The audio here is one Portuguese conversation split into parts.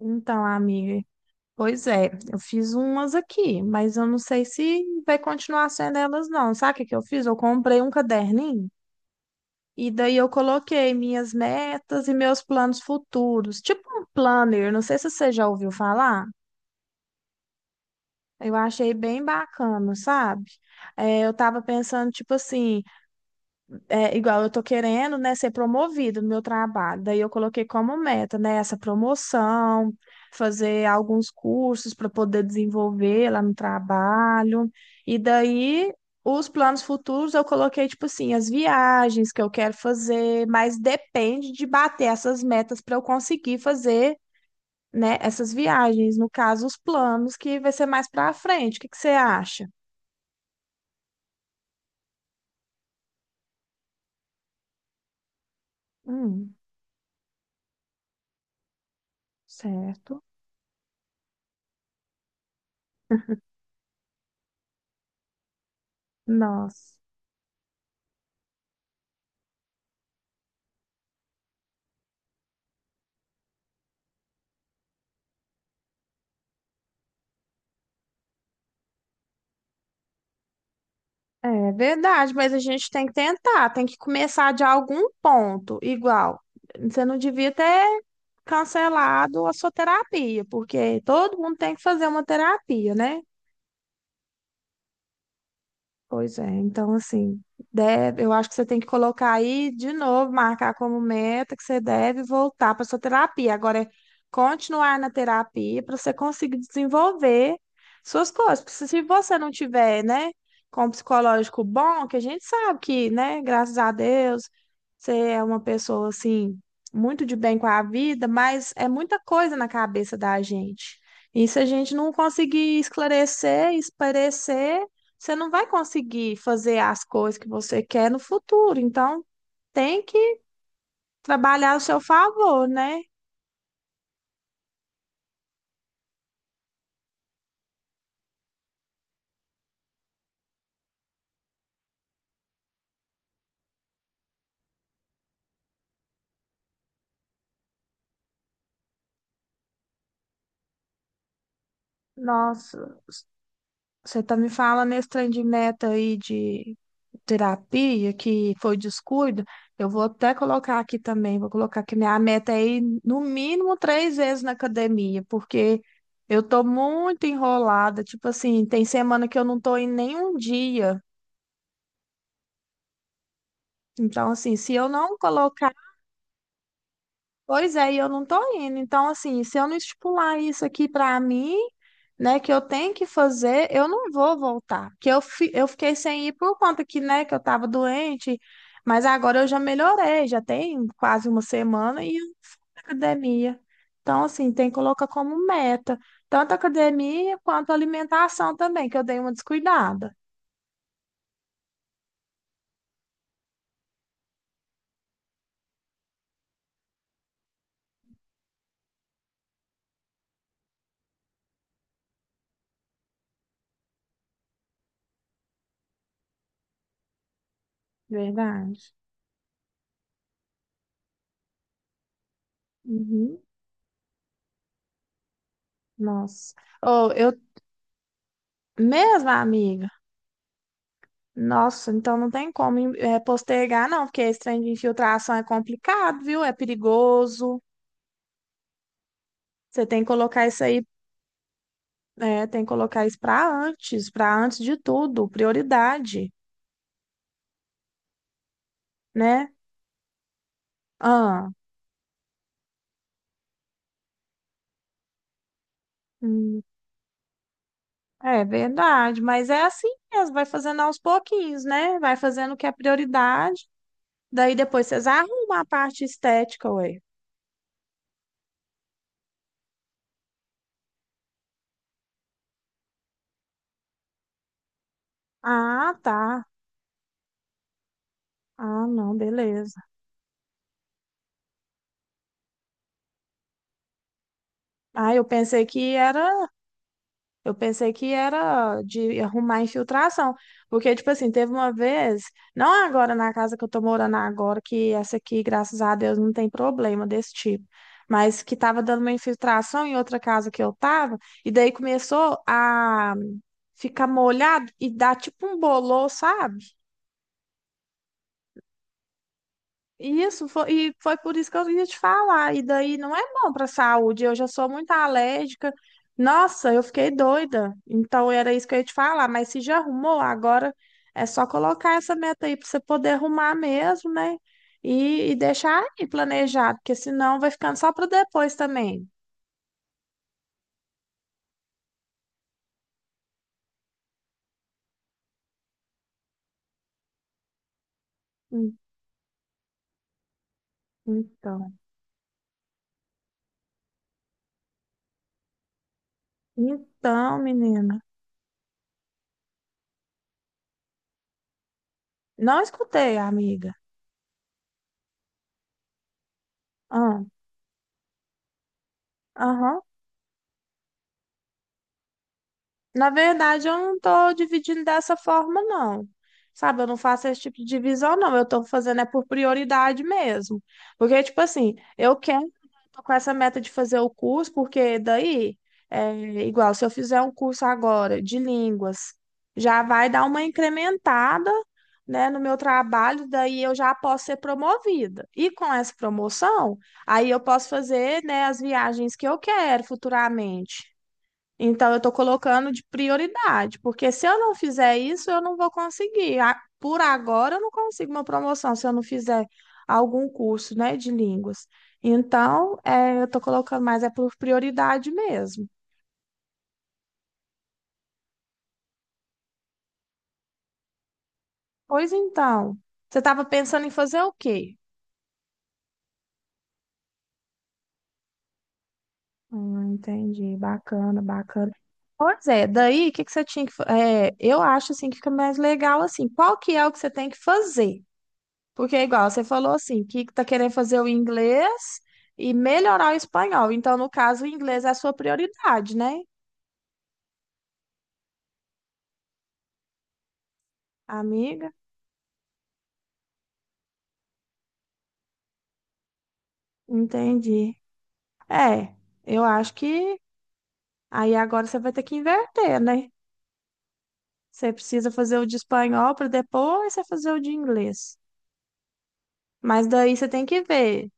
Então, amiga, pois é, eu fiz umas aqui, mas eu não sei se vai continuar sendo elas, não. Sabe o que que eu fiz? Eu comprei um caderninho e daí eu coloquei minhas metas e meus planos futuros, tipo um planner, não sei se você já ouviu falar. Eu achei bem bacana, sabe? É, eu tava pensando, tipo assim, é, igual eu tô querendo, né, ser promovido no meu trabalho. Daí eu coloquei como meta, né, essa promoção, fazer alguns cursos para poder desenvolver lá no trabalho. E daí os planos futuros eu coloquei tipo assim, as viagens que eu quero fazer, mas depende de bater essas metas para eu conseguir fazer, né, essas viagens, no caso os planos que vai ser mais para frente. O que que você acha? Hum, certo. Nossa. É verdade, mas a gente tem que tentar, tem que começar de algum ponto. Igual, você não devia ter cancelado a sua terapia, porque todo mundo tem que fazer uma terapia, né? Pois é, então assim, deve, eu acho que você tem que colocar aí de novo, marcar como meta que você deve voltar para sua terapia. Agora é continuar na terapia para você conseguir desenvolver suas coisas. Porque se você não tiver, né, com um psicológico bom, que a gente sabe que, né, graças a Deus, você é uma pessoa assim muito de bem com a vida, mas é muita coisa na cabeça da gente. E se a gente não conseguir esclarecer, esparecer você não vai conseguir fazer as coisas que você quer no futuro. Então, tem que trabalhar ao seu favor, né? Nossa, você tá me falando esse trem de meta aí de terapia, que foi descuido. Eu vou até colocar aqui também, vou colocar que minha meta é ir no mínimo 3 vezes na academia, porque eu tô muito enrolada. Tipo assim, tem semana que eu não tô em nenhum dia. Então, assim, se eu não colocar. Pois é, e eu não tô indo. Então, assim, se eu não estipular isso aqui pra mim, né, que eu tenho que fazer, eu não vou voltar. Que eu, eu fiquei sem ir por conta que, né, que eu tava doente, mas agora eu já melhorei, já tem quase uma semana e eu na academia. Então, assim, tem que colocar como meta, tanto a academia quanto a alimentação também, que eu dei uma descuidada. Verdade. Uhum. Nossa. Ou eu mesma, amiga. Nossa, então não tem como postergar, não, porque esse trem de infiltração é complicado, viu? É perigoso. Você tem que colocar isso aí, tem que colocar isso para antes de tudo, prioridade, né? Ah, hum, é verdade, mas é assim mesmo, vai fazendo aos pouquinhos, né? Vai fazendo o que é prioridade, daí depois vocês arrumam a parte estética, ué. Ah, tá. Ah, não, beleza. Ah, eu pensei que era Eu pensei que era de arrumar infiltração. Porque, tipo assim, teve uma vez, não agora na casa que eu tô morando agora, que essa aqui, graças a Deus, não tem problema desse tipo. Mas que tava dando uma infiltração em outra casa que eu tava, e daí começou a ficar molhado e dar tipo um bolor, sabe? E isso, foi por isso que eu ia te falar. E daí não é bom para a saúde. Eu já sou muito alérgica. Nossa, eu fiquei doida. Então era isso que eu ia te falar. Mas se já arrumou, agora é só colocar essa meta aí para você poder arrumar mesmo, né? E deixar aí planejado, porque senão vai ficando só para depois também. Hum, Então, então, menina. Não escutei, amiga. Ah, aham. Na verdade, eu não tô dividindo dessa forma, não. Sabe, eu não faço esse tipo de divisão, não. Eu tô fazendo é por prioridade mesmo. Porque, tipo assim, eu quero, né, tô com essa meta de fazer o curso, porque daí, é igual, se eu fizer um curso agora de línguas, já vai dar uma incrementada, né, no meu trabalho, daí eu já posso ser promovida. E com essa promoção, aí eu posso fazer, né, as viagens que eu quero futuramente. Então, eu estou colocando de prioridade, porque se eu não fizer isso, eu não vou conseguir. Por agora, eu não consigo uma promoção se eu não fizer algum curso, né, de línguas. Então, é, eu estou colocando, mas é por prioridade mesmo. Pois então, você estava pensando em fazer o quê? Entendi, bacana, bacana. Pois é, daí, o que que você tinha que... é, eu acho, assim, que fica mais legal, assim, qual que é o que você tem que fazer? Porque é igual, você falou assim, que tá querendo fazer o inglês e melhorar o espanhol. Então, no caso, o inglês é a sua prioridade, né, amiga? Entendi. É, eu acho que aí agora você vai ter que inverter, né? Você precisa fazer o de espanhol para depois você fazer o de inglês. Mas daí você tem que ver.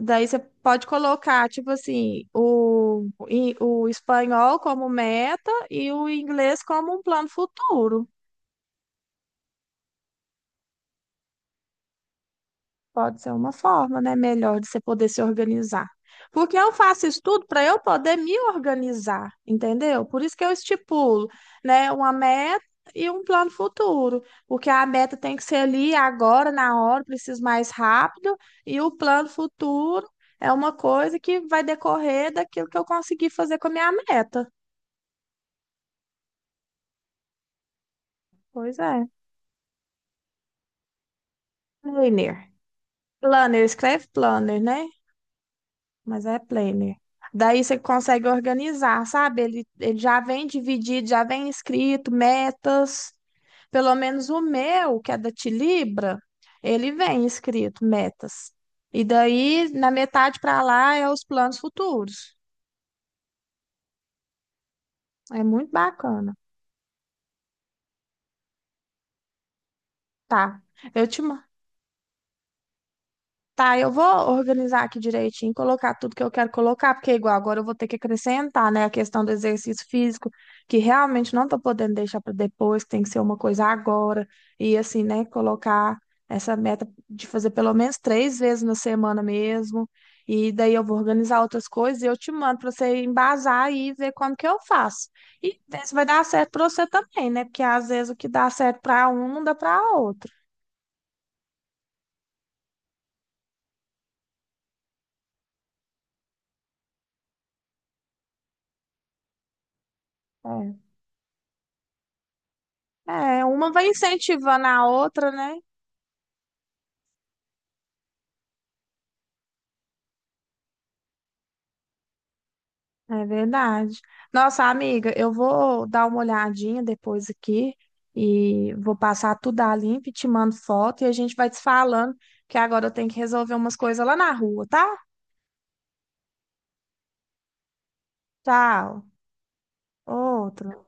Daí você pode colocar, tipo assim, o espanhol como meta e o inglês como um plano futuro. Pode ser uma forma, né, melhor de você poder se organizar. Porque eu faço isso tudo para eu poder me organizar, entendeu? Por isso que eu estipulo, né, uma meta e um plano futuro. Porque a meta tem que ser ali agora, na hora, preciso mais rápido, e o plano futuro é uma coisa que vai decorrer daquilo que eu conseguir fazer com a minha meta. Pois é. Planner. Planner, escreve planner, né? Mas é planner. Daí você consegue organizar, sabe? Ele já vem dividido, já vem escrito, metas. Pelo menos o meu, que é da Tilibra, ele vem escrito, metas. E daí, na metade para lá, é os planos futuros. É muito bacana. Tá. Eu te, ma- Tá, eu vou organizar aqui direitinho, colocar tudo que eu quero colocar, porque igual agora eu vou ter que acrescentar, né, a questão do exercício físico, que realmente não tô podendo deixar para depois, que tem que ser uma coisa agora. E assim, né, colocar essa meta de fazer pelo menos 3 vezes na semana mesmo. E daí eu vou organizar outras coisas e eu te mando para você embasar aí e ver como que eu faço. E ver se vai dar certo para você também, né? Porque às vezes o que dá certo para um não dá para outro. É. É, uma vai incentivando a outra, né? É verdade. Nossa, amiga, eu vou dar uma olhadinha depois aqui e vou passar tudo a limpo e te mando foto e a gente vai te falando que agora eu tenho que resolver umas coisas lá na rua, tá? Tchau. Outra.